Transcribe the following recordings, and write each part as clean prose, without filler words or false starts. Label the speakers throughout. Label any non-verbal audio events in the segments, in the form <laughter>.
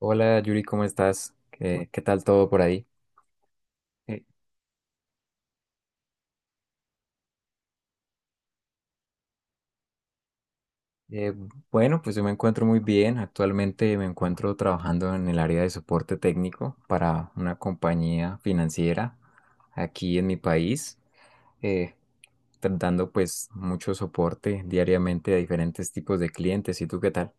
Speaker 1: Hola Yuri, ¿cómo estás? ¿Qué tal todo por ahí? Eh, Eh, bueno, pues yo me encuentro muy bien. Actualmente me encuentro trabajando en el área de soporte técnico para una compañía financiera aquí en mi país, eh, dando pues mucho soporte diariamente a diferentes tipos de clientes. ¿Y tú qué tal?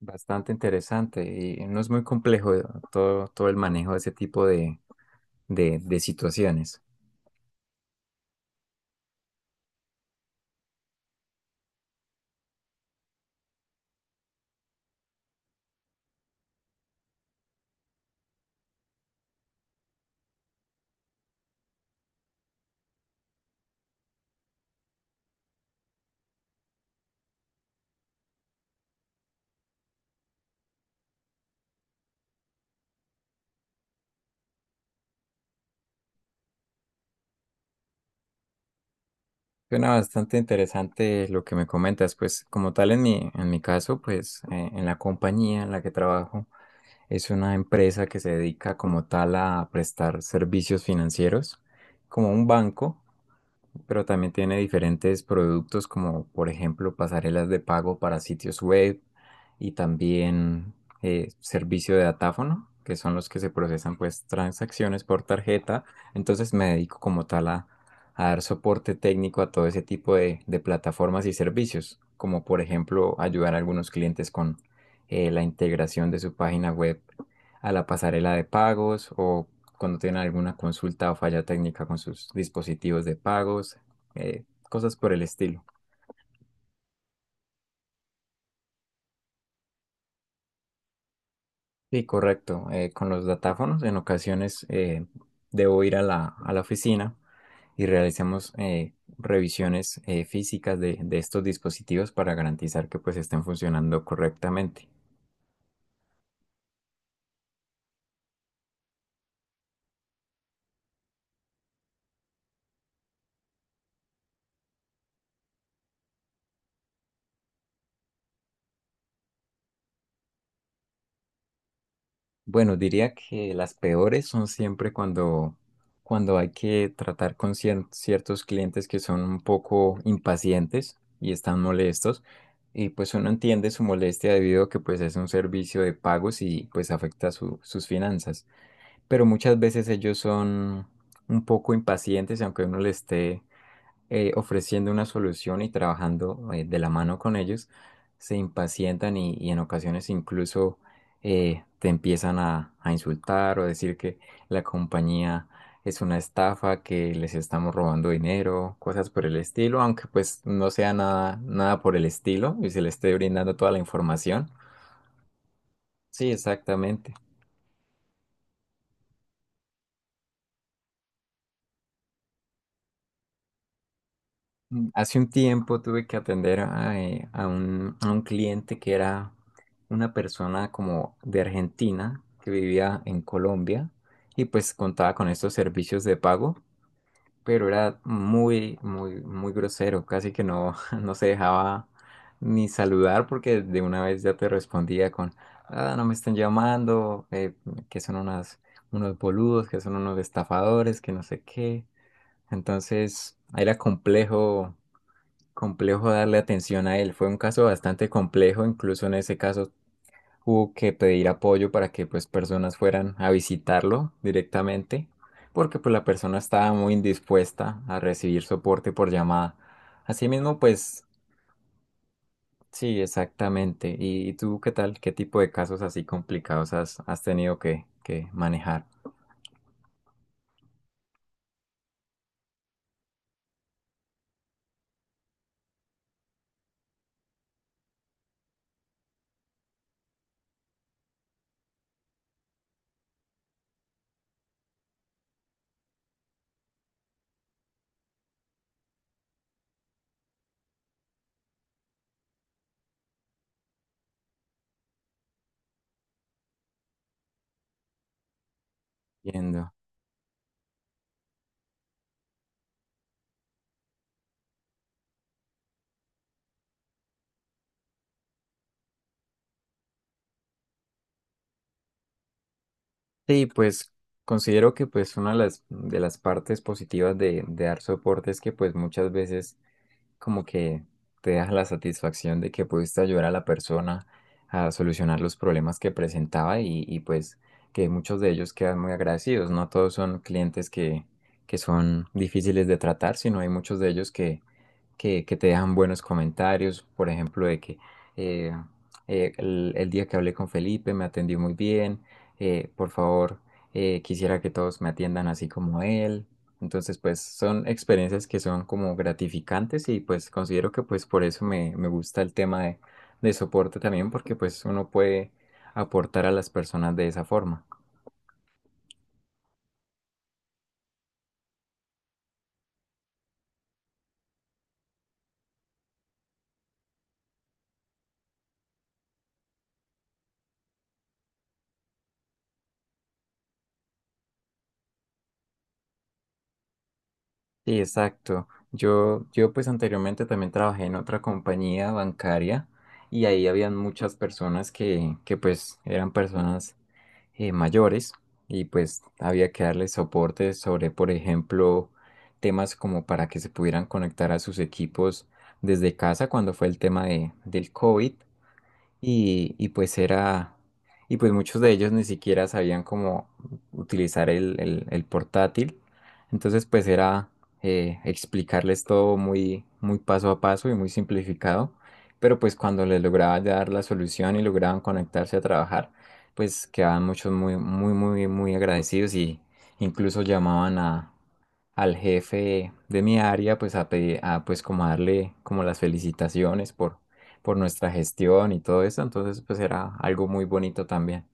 Speaker 1: Bastante interesante y no es muy complejo todo, el manejo de ese tipo de situaciones. Suena bastante interesante lo que me comentas, pues como tal en mi caso, pues en la compañía en la que trabajo es una empresa que se dedica como tal a prestar servicios financieros, como un banco, pero también tiene diferentes productos como, por ejemplo, pasarelas de pago para sitios web, y también servicio de datáfono, que son los que se procesan pues transacciones por tarjeta. Entonces me dedico como tal a, dar soporte técnico a todo ese tipo de plataformas y servicios, como, por ejemplo, ayudar a algunos clientes con la integración de su página web a la pasarela de pagos, o cuando tienen alguna consulta o falla técnica con sus dispositivos de pagos, cosas por el estilo. Sí, correcto. Con los datáfonos, en ocasiones debo ir a la, oficina y realizamos revisiones físicas de estos dispositivos, para garantizar que pues estén funcionando correctamente. Bueno, diría que las peores son siempre cuando hay que tratar con ciertos clientes que son un poco impacientes y están molestos. Y pues uno entiende su molestia, debido a que pues es un servicio de pagos y pues afecta sus finanzas. Pero muchas veces ellos son un poco impacientes, y aunque uno le esté ofreciendo una solución y trabajando de la mano con ellos, se impacientan, y en ocasiones incluso te empiezan a insultar, o decir que la compañía es una estafa, que les estamos robando dinero, cosas por el estilo, aunque pues no sea nada, nada por el estilo, y se le esté brindando toda la información. Sí, exactamente. Hace un tiempo tuve que atender a un cliente que era una persona como de Argentina que vivía en Colombia, y pues contaba con estos servicios de pago, pero era muy, muy, muy grosero, casi que no, <laughs> no se dejaba ni saludar, porque de una vez ya te respondía con, ah, no me están llamando, que son unos boludos, que son unos estafadores, que no sé qué. Entonces era complejo darle atención a él. Fue un caso bastante complejo, incluso en ese caso hubo que pedir apoyo para que pues personas fueran a visitarlo directamente, porque pues la persona estaba muy indispuesta a recibir soporte por llamada. Asimismo, pues sí, exactamente. ¿Y tú qué tal? ¿Qué tipo de casos así complicados has tenido que manejar? Entiendo. Sí, pues considero que pues una de las, partes positivas de dar soporte, es que pues muchas veces como que te deja la satisfacción de que pudiste ayudar a la persona a solucionar los problemas que presentaba, y pues que muchos de ellos quedan muy agradecidos. No todos son clientes que son difíciles de tratar, sino hay muchos de ellos que te dejan buenos comentarios, por ejemplo, de que eh, el día que hablé con Felipe me atendió muy bien, por favor, quisiera que todos me atiendan así como él. Entonces, pues son experiencias que son como gratificantes, y pues considero que pues por eso me, gusta el tema de soporte también, porque pues uno puede aportar a las personas de esa forma. Sí, exacto. Yo pues anteriormente también trabajé en otra compañía bancaria, y ahí habían muchas personas que, pues eran personas mayores, y pues había que darles soporte sobre, por ejemplo, temas como para que se pudieran conectar a sus equipos desde casa cuando fue el tema del COVID. Y y pues muchos de ellos ni siquiera sabían cómo utilizar el portátil. Entonces pues era explicarles todo muy, muy paso a paso y muy simplificado. Pero pues cuando les lograba dar la solución y lograban conectarse a trabajar, pues quedaban muchos muy, muy, muy, muy agradecidos, y incluso llamaban al jefe de mi área pues a pues como a darle como las felicitaciones, por nuestra gestión y todo eso. Entonces pues era algo muy bonito también.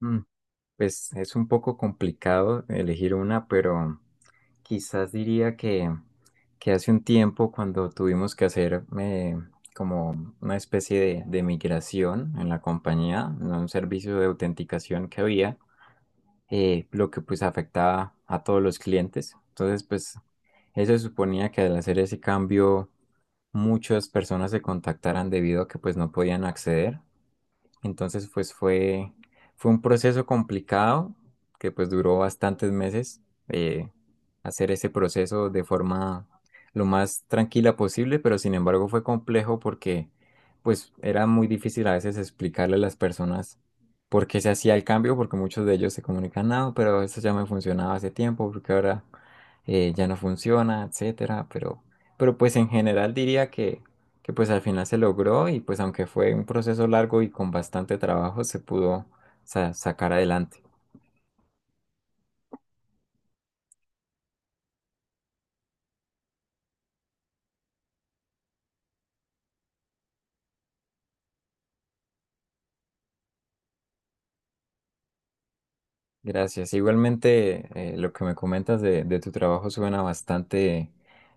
Speaker 1: Mm, Pues es un poco complicado elegir una, pero quizás diría que, hace un tiempo cuando tuvimos que hacer como una especie de migración en la compañía, en un servicio de autenticación que había, lo que pues afectaba a todos los clientes. Entonces pues eso suponía que al hacer ese cambio muchas personas se contactaran, debido a que pues no podían acceder. Entonces pues fue un proceso complicado, que pues duró bastantes meses, eh, hacer ese proceso de forma lo más tranquila posible, pero sin embargo fue complejo, porque pues era muy difícil a veces explicarle a las personas por qué se hacía el cambio, porque muchos de ellos se comunican, no, pero esto ya me funcionaba hace tiempo, porque ahora ya no funciona, etcétera, pero. Pero pues en general diría que pues al final se logró, y pues aunque fue un proceso largo y con bastante trabajo, se pudo sacar adelante. Gracias. Igualmente, lo que me comentas de, tu trabajo suena bastante,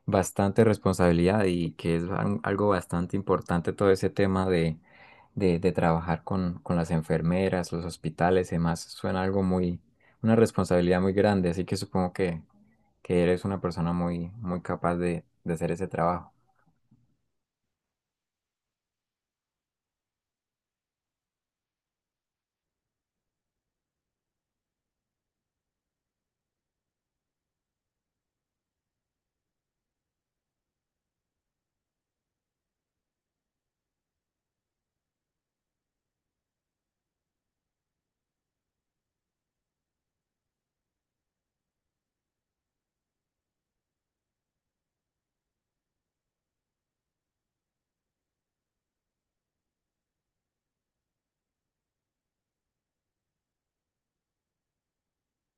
Speaker 1: bastante responsabilidad, y que es algo bastante importante todo ese tema de trabajar con las enfermeras, los hospitales y demás. Suena algo una responsabilidad muy grande, así que supongo que, eres una persona muy, muy capaz de hacer ese trabajo.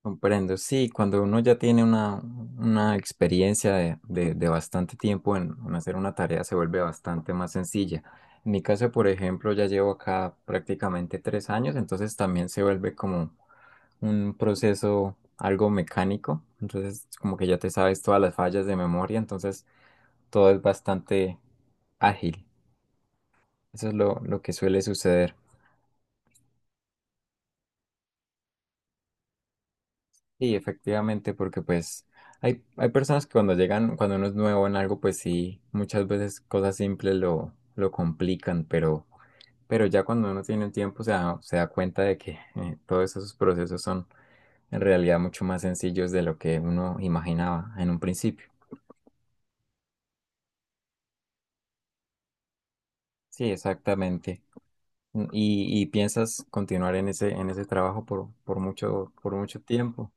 Speaker 1: Comprendo, sí, cuando uno ya tiene una, experiencia de bastante tiempo en hacer una tarea, se vuelve bastante más sencilla. En mi caso, por ejemplo, ya llevo acá prácticamente 3 años. Entonces también se vuelve como un proceso algo mecánico, entonces como que ya te sabes todas las fallas de memoria. Entonces todo es bastante ágil. Eso es lo, que suele suceder. Sí, efectivamente, porque pues hay personas que cuando llegan, cuando uno es nuevo en algo, pues sí, muchas veces cosas simples lo, complican, pero ya cuando uno tiene el tiempo se da cuenta de que todos esos procesos son en realidad mucho más sencillos de lo que uno imaginaba en un principio. Sí, exactamente. ¿Y piensas continuar en ese trabajo por mucho tiempo?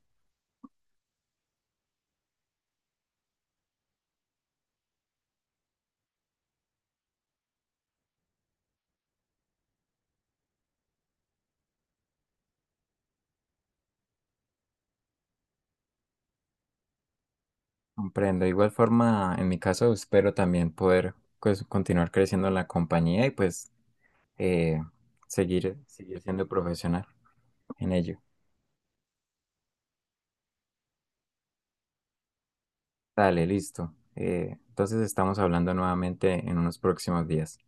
Speaker 1: Comprendo. De igual forma, en mi caso, espero también poder pues continuar creciendo en la compañía, y pues eh, seguir siendo profesional en ello. Dale, listo. Entonces estamos hablando nuevamente en unos próximos días.